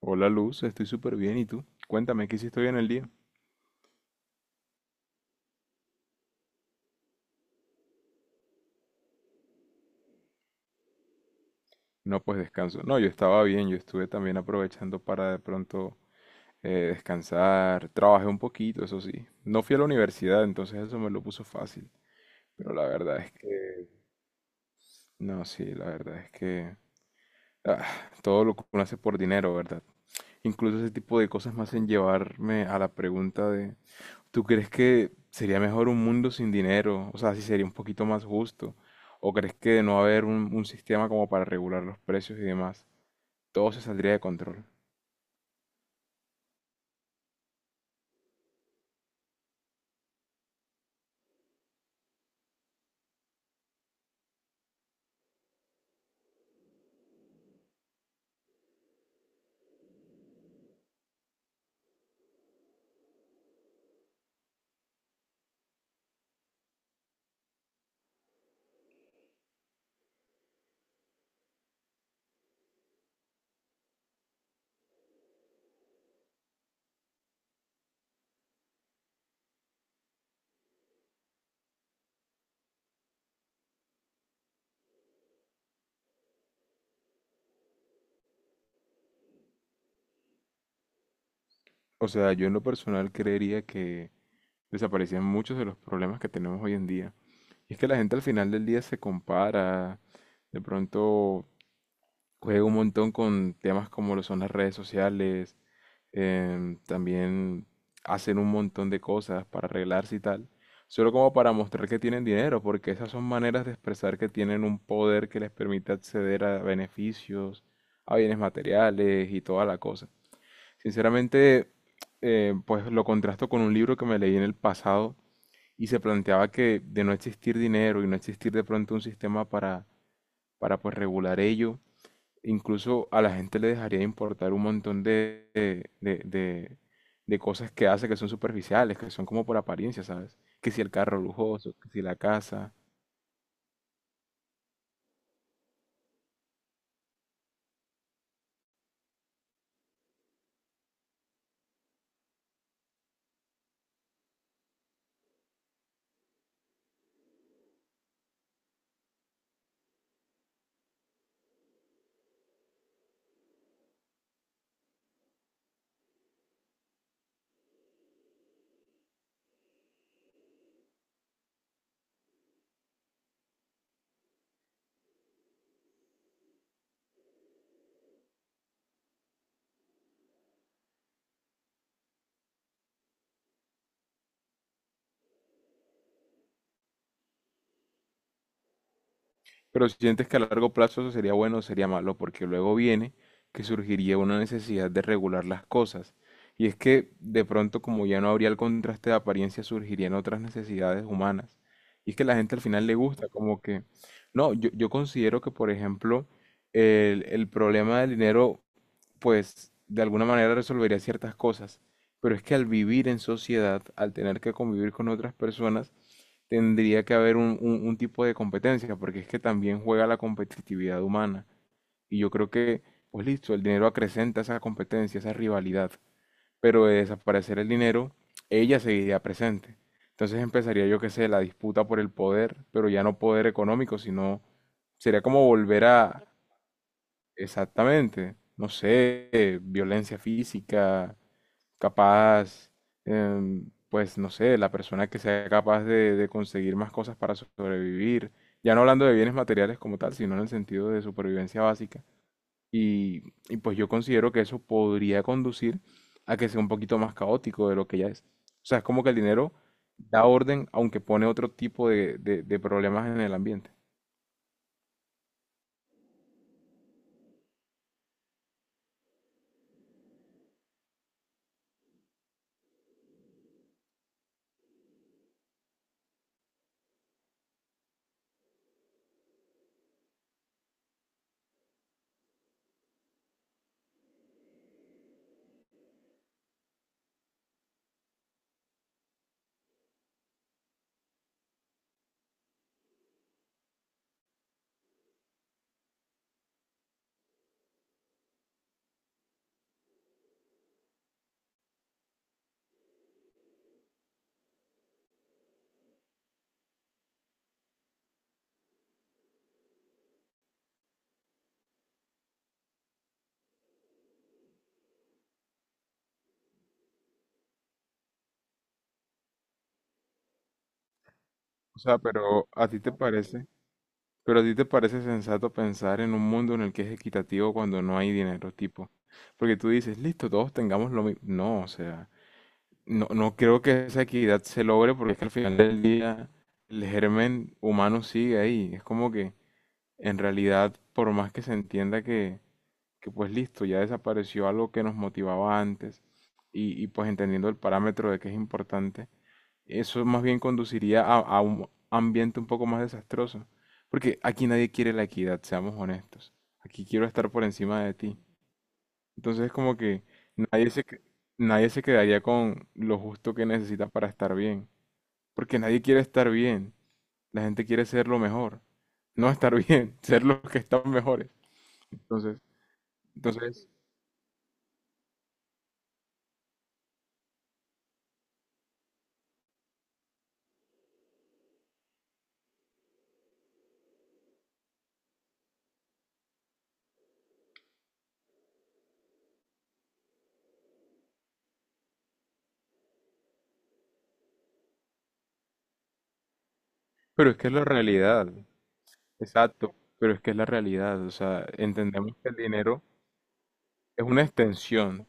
Hola Luz, estoy súper bien. ¿Y tú? Cuéntame, ¿qué hiciste hoy en el día? No, pues descanso. No, yo estaba bien, yo estuve también aprovechando para de pronto eh, descansar. Trabajé un poquito, eso sí. No fui a la universidad, entonces eso me lo puso fácil. Pero la verdad es que... No, sí, la verdad es que... ah, todo lo que uno hace por dinero, ¿verdad? Incluso ese tipo de cosas me hacen llevarme a la pregunta de... ¿Tú crees que sería mejor un mundo sin dinero? O sea, si sería un poquito más justo. ¿O crees que de no haber un sistema como para regular los precios y demás, todo se saldría de control? O sea, yo en lo personal creería que desaparecían muchos de los problemas que tenemos hoy en día. Y es que la gente al final del día se compara, de pronto juego un montón con temas como lo son las redes sociales, también hacen un montón de cosas para arreglarse y tal, solo como para mostrar que tienen dinero, porque esas son maneras de expresar que tienen un poder que les permite acceder a beneficios, a bienes materiales y toda la cosa. Sinceramente, pues lo contrasto con un libro que me leí en el pasado y se planteaba que de no existir dinero y no existir de pronto un sistema para pues regular ello, incluso a la gente le dejaría de importar un montón de, de cosas que hace que son superficiales, que son como por apariencia, ¿sabes? Que si el carro lujoso, que si la casa. Pero si sientes que a largo plazo eso sería bueno o sería malo, porque luego viene que surgiría una necesidad de regular las cosas. Y es que de pronto, como ya no habría el contraste de apariencia, surgirían otras necesidades humanas. Y es que la gente al final le gusta, como que... No, yo considero que, por ejemplo, el problema del dinero pues de alguna manera resolvería ciertas cosas. Pero es que al vivir en sociedad, al tener que convivir con otras personas, tendría que haber un, un tipo de competencia, porque es que también juega la competitividad humana. Y yo creo que, pues listo, el dinero acrecenta esa competencia, esa rivalidad, pero de desaparecer el dinero, ella seguiría presente. Entonces empezaría, yo qué sé, la disputa por el poder, pero ya no poder económico, sino sería como volver a, exactamente, no sé, violencia física, capaz, pues no sé, la persona que sea capaz de conseguir más cosas para sobrevivir, ya no hablando de bienes materiales como tal, sino en el sentido de supervivencia básica. Y, y pues yo considero que eso podría conducir a que sea un poquito más caótico de lo que ya es. O sea, es como que el dinero da orden, aunque pone otro tipo de, de problemas en el ambiente. O sea, pero ¿a ti te parece? Pero a ti te parece sensato pensar en un mundo en el que es equitativo cuando no hay dinero, tipo. Porque tú dices, listo, todos tengamos lo mismo. No, o sea, no, no creo que esa equidad se logre porque es que al final del día el germen humano sigue ahí. Es como que en realidad, por más que se entienda que pues listo, ya desapareció algo que nos motivaba antes y pues entendiendo el parámetro de que es importante eso más bien conduciría a un ambiente un poco más desastroso. Porque aquí nadie quiere la equidad, seamos honestos. Aquí quiero estar por encima de ti. Entonces es como que nadie se, nadie se quedaría con lo justo que necesita para estar bien. Porque nadie quiere estar bien. La gente quiere ser lo mejor. No estar bien, ser los que están mejores. Entonces, entonces, Pero es que es la realidad. Exacto. Pero es que es la realidad. O sea, entendemos que el dinero es una extensión.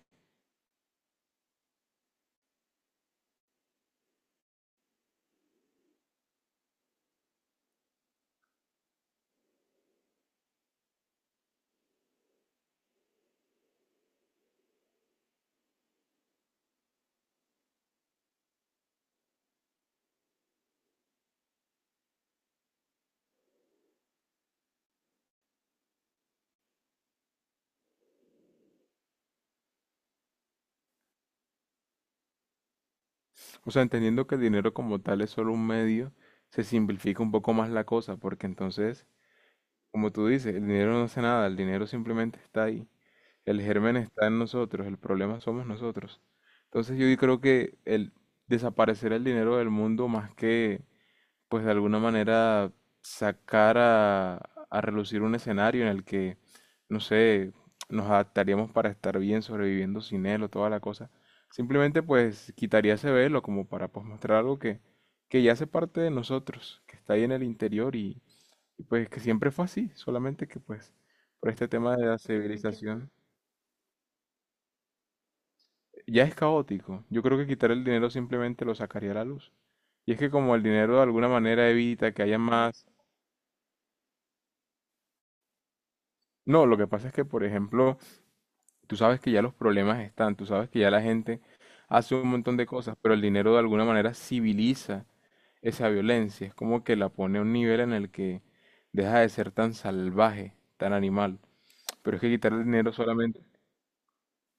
O sea, entendiendo que el dinero como tal es solo un medio, se simplifica un poco más la cosa, porque entonces, como tú dices, el dinero no hace nada, el dinero simplemente está ahí. El germen está en nosotros, el problema somos nosotros. Entonces yo creo que el desaparecer el dinero del mundo más que pues de alguna manera sacar a relucir un escenario en el que, no sé, nos adaptaríamos para estar bien sobreviviendo sin él o toda la cosa. Simplemente pues quitaría ese velo como para pues mostrar algo que ya hace parte de nosotros, que está ahí en el interior y, pues que siempre fue así, solamente que pues por este tema de la civilización ya es caótico. Yo creo que quitar el dinero simplemente lo sacaría a la luz. Y es que como el dinero de alguna manera evita que haya más... No, lo que pasa es que, por ejemplo, tú sabes que ya los problemas están, tú sabes que ya la gente hace un montón de cosas, pero el dinero de alguna manera civiliza esa violencia, es como que la pone a un nivel en el que deja de ser tan salvaje, tan animal. Pero es que quitar el dinero solamente...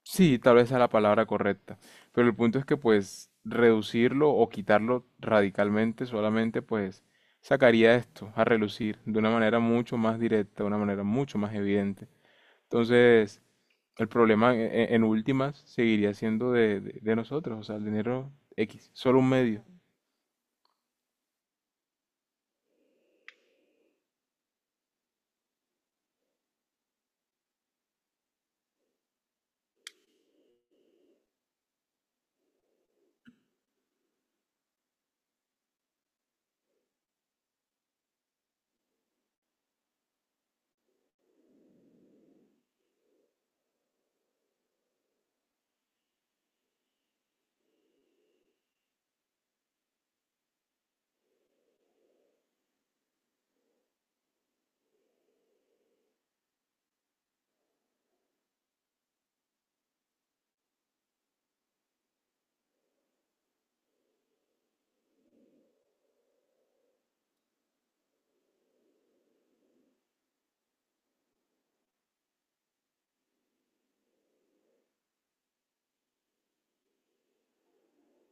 Sí, tal vez sea la palabra correcta, pero el punto es que pues reducirlo o quitarlo radicalmente solamente pues sacaría esto a relucir de una manera mucho más directa, de una manera mucho más evidente. Entonces... El problema en últimas seguiría siendo de, de nosotros, o sea, el dinero X, solo un medio.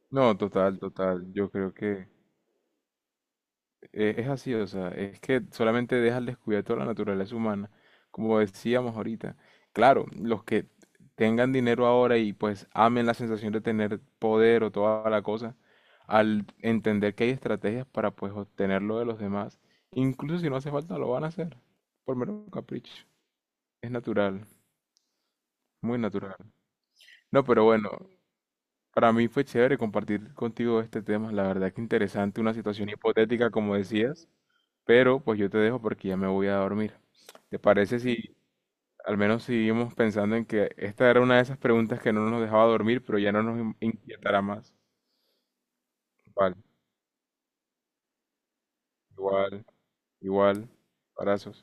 No, total, total, yo creo que es así, o sea, es que solamente deja al descubierto la naturaleza humana, como decíamos ahorita. Claro, los que tengan dinero ahora y pues amen la sensación de tener poder o toda la cosa, al entender que hay estrategias para pues obtenerlo de los demás, incluso si no hace falta lo van a hacer, por mero capricho, es natural, muy natural. No, pero bueno, para mí fue chévere compartir contigo este tema, la verdad que interesante, una situación hipotética como decías, pero pues yo te dejo porque ya me voy a dormir. ¿Te parece si al menos seguimos pensando en que esta era una de esas preguntas que no nos dejaba dormir, pero ya no nos inquietará más? Vale, igual, igual, abrazos.